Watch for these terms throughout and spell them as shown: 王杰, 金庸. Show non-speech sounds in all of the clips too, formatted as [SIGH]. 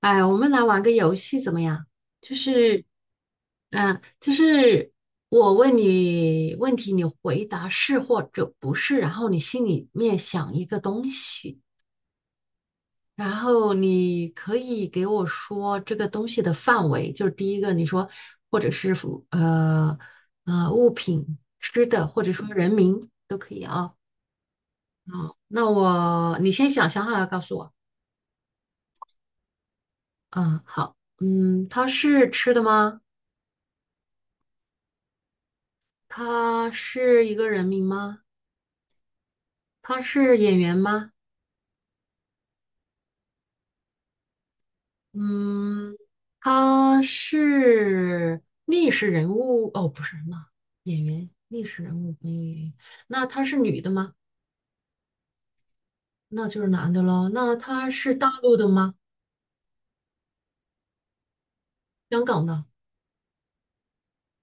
哎，我们来玩个游戏怎么样？就是，就是我问你问题，你回答是或者不是，然后你心里面想一个东西，然后你可以给我说这个东西的范围，就是第一个你说，或者是物品、吃的，或者说人名都可以。那你先想想好了告诉我。嗯，好。嗯，它是吃的吗？它是一个人名吗？他是演员吗？嗯，他是历史人物哦，不是那演员，历史人物没有演员。那他是女的吗？那就是男的喽。那他是大陆的吗？香港的。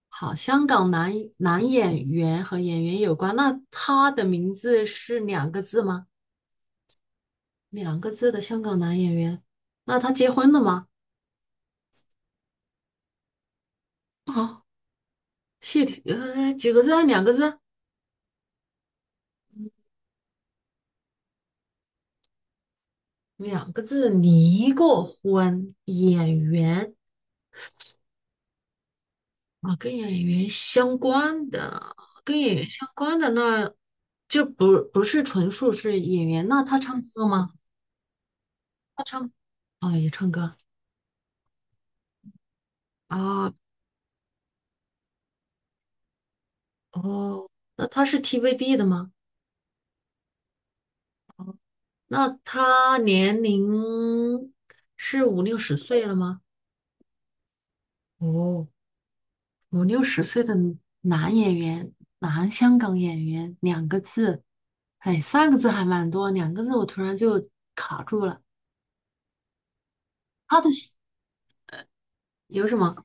好，香港男演员和演员有关。那他的名字是两个字吗？两个字的香港男演员。那他结婚了吗？啊，谢霆，几个字？两个字？两个字离过婚，演员。啊，跟演员相关的，跟演员相关的。那就不是纯属是演员，那他唱歌吗？啊，也唱歌。啊，哦，那他是 TVB 的吗？那他年龄是五六十岁了吗？哦，五六十岁的男演员，男香港演员，两个字。哎，三个字还蛮多，两个字我突然就卡住了。他的戏有什么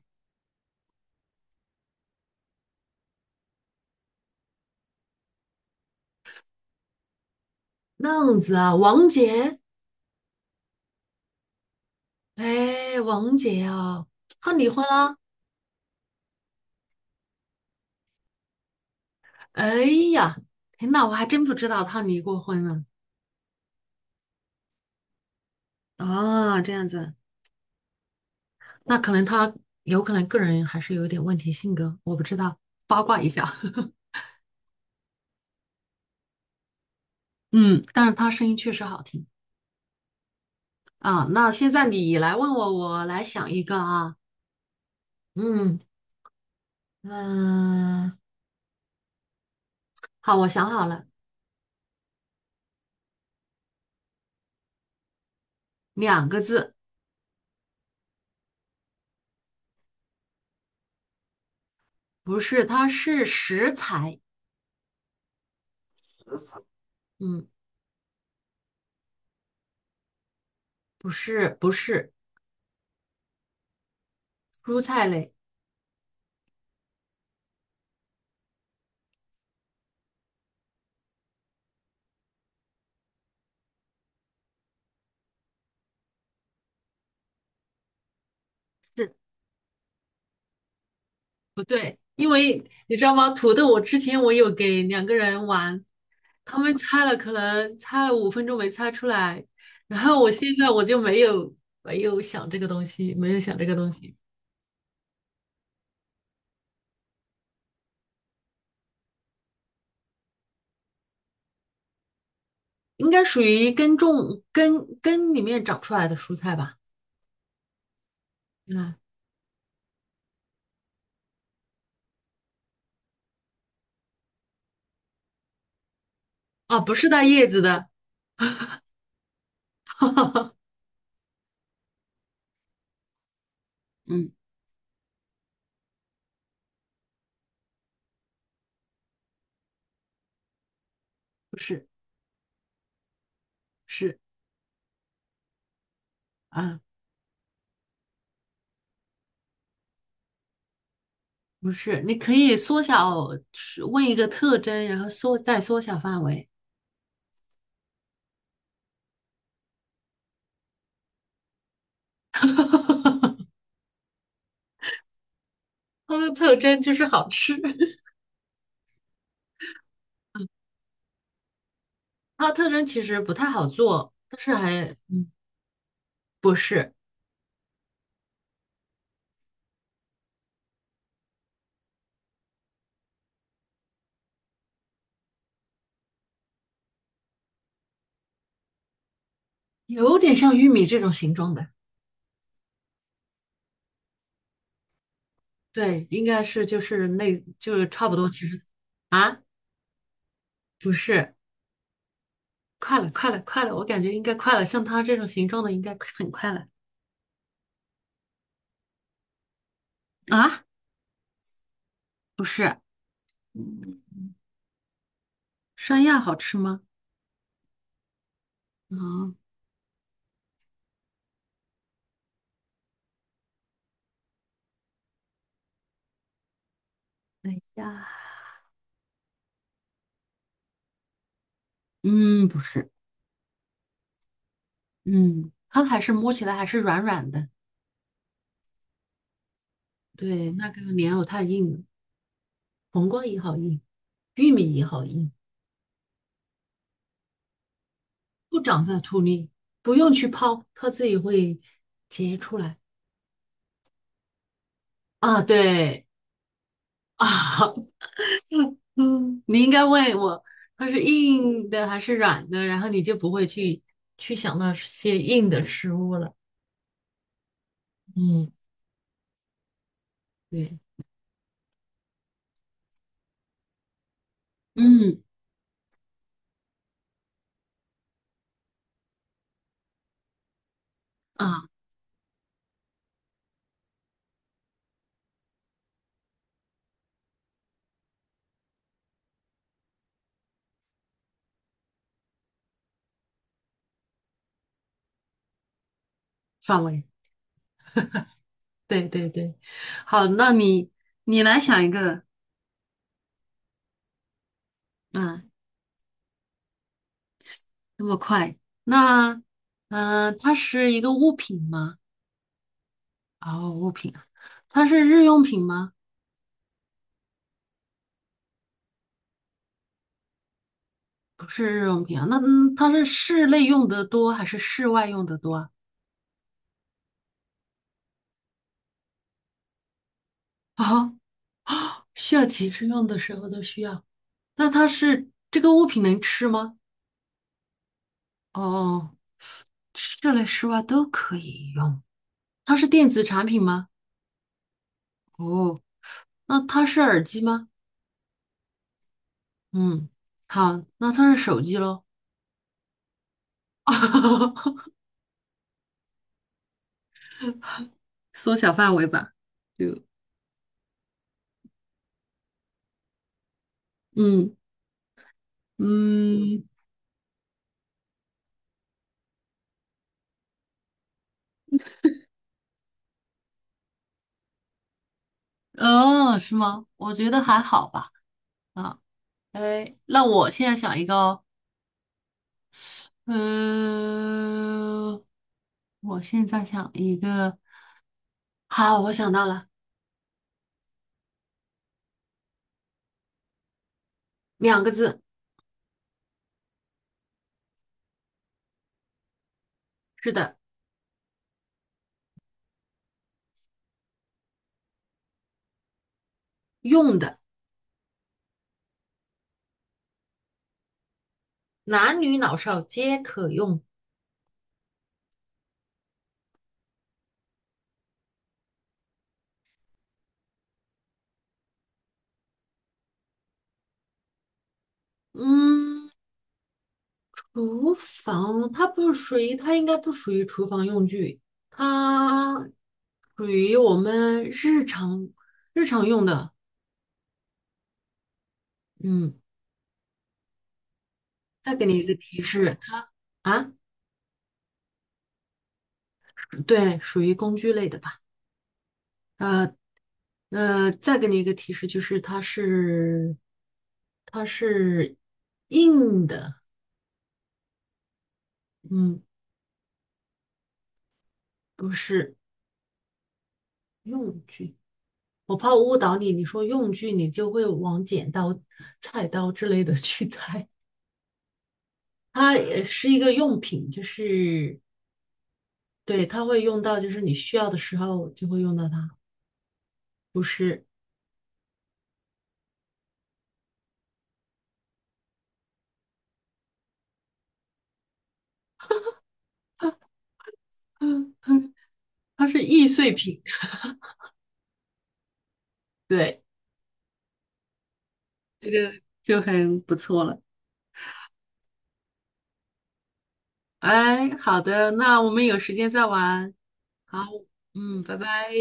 浪子啊？王杰。哎，王杰啊，他离婚了。哎呀，天呐，我还真不知道他离过婚呢。啊，这样子。那可能他有可能个人还是有点问题性格，我不知道，八卦一下。[LAUGHS] 嗯，但是他声音确实好听。啊，那现在你来问我，我来想一个啊。嗯。嗯，好，我想好了。两个字。不是，它是食材。嗯。不是，不是。蔬菜类。是不对，因为你知道吗？土豆，我之前我有给两个人玩，他们猜了，可能猜了五分钟没猜出来，然后我现在我就没有想这个东西，没有想这个东西。应该属于根种根根里面长出来的蔬菜吧？嗯。啊，不是带叶子的。嗯，不是。是。啊，不是。你可以缩小，问一个特征，然后再缩小范围。[LAUGHS] 它的特征就是好吃。[LAUGHS] 它的特征其实不太好做，但是不是。有点像玉米这种形状的。对，应该是就是那就是差不多，其实。啊，不是。快了，快了，快了！我感觉应该快了，像它这种形状的应该很快了。啊？不是。嗯，山药好吃吗？啊呀。嗯，不是。嗯，它还是摸起来还是软软的。对，那个莲藕太硬了，黄瓜也好硬，玉米也好硬。不长在土里，不用去泡，它自己会结出来。啊，对。啊，[LAUGHS] 嗯，嗯，你应该问我，它是硬的还是软的，然后你就不会去想那些硬的食物了。嗯，对。嗯，啊，范围。对对对，好，那你来想一个。嗯，那么快。那，它是一个物品吗？哦，物品啊。它是日用品吗？不是日用品啊。那嗯，它是室内用的多还是室外用的多啊？啊，需要急着用的时候都需要。那它是这个物品能吃吗？哦，室内室外都可以用。它是电子产品吗？哦，那它是耳机吗？嗯，好，那它是手机喽。[LAUGHS] 缩小范围吧，就。嗯嗯。哦，是吗？我觉得还好吧。啊，哎，那我现在想一个哦。嗯、我现在想一个。好，我想到了。两个字。是的。用的。男女老少皆可用。嗯，厨房它不属于，它应该不属于厨房用具，它属于我们日常用的。嗯，再给你一个提示，它。啊，对，属于工具类的吧？呃再给你一个提示，就是它是硬的。嗯，不是。用具。我怕我误导你，你说用具，你就会往剪刀、菜刀之类的去 [LAUGHS] 猜。它也是一个用品，就是对，它会用到，就是你需要的时候就会用到它。不是。嗯嗯。它是易碎品。对，这个就很不错了。哎，好的，那我们有时间再玩。好，嗯，拜拜。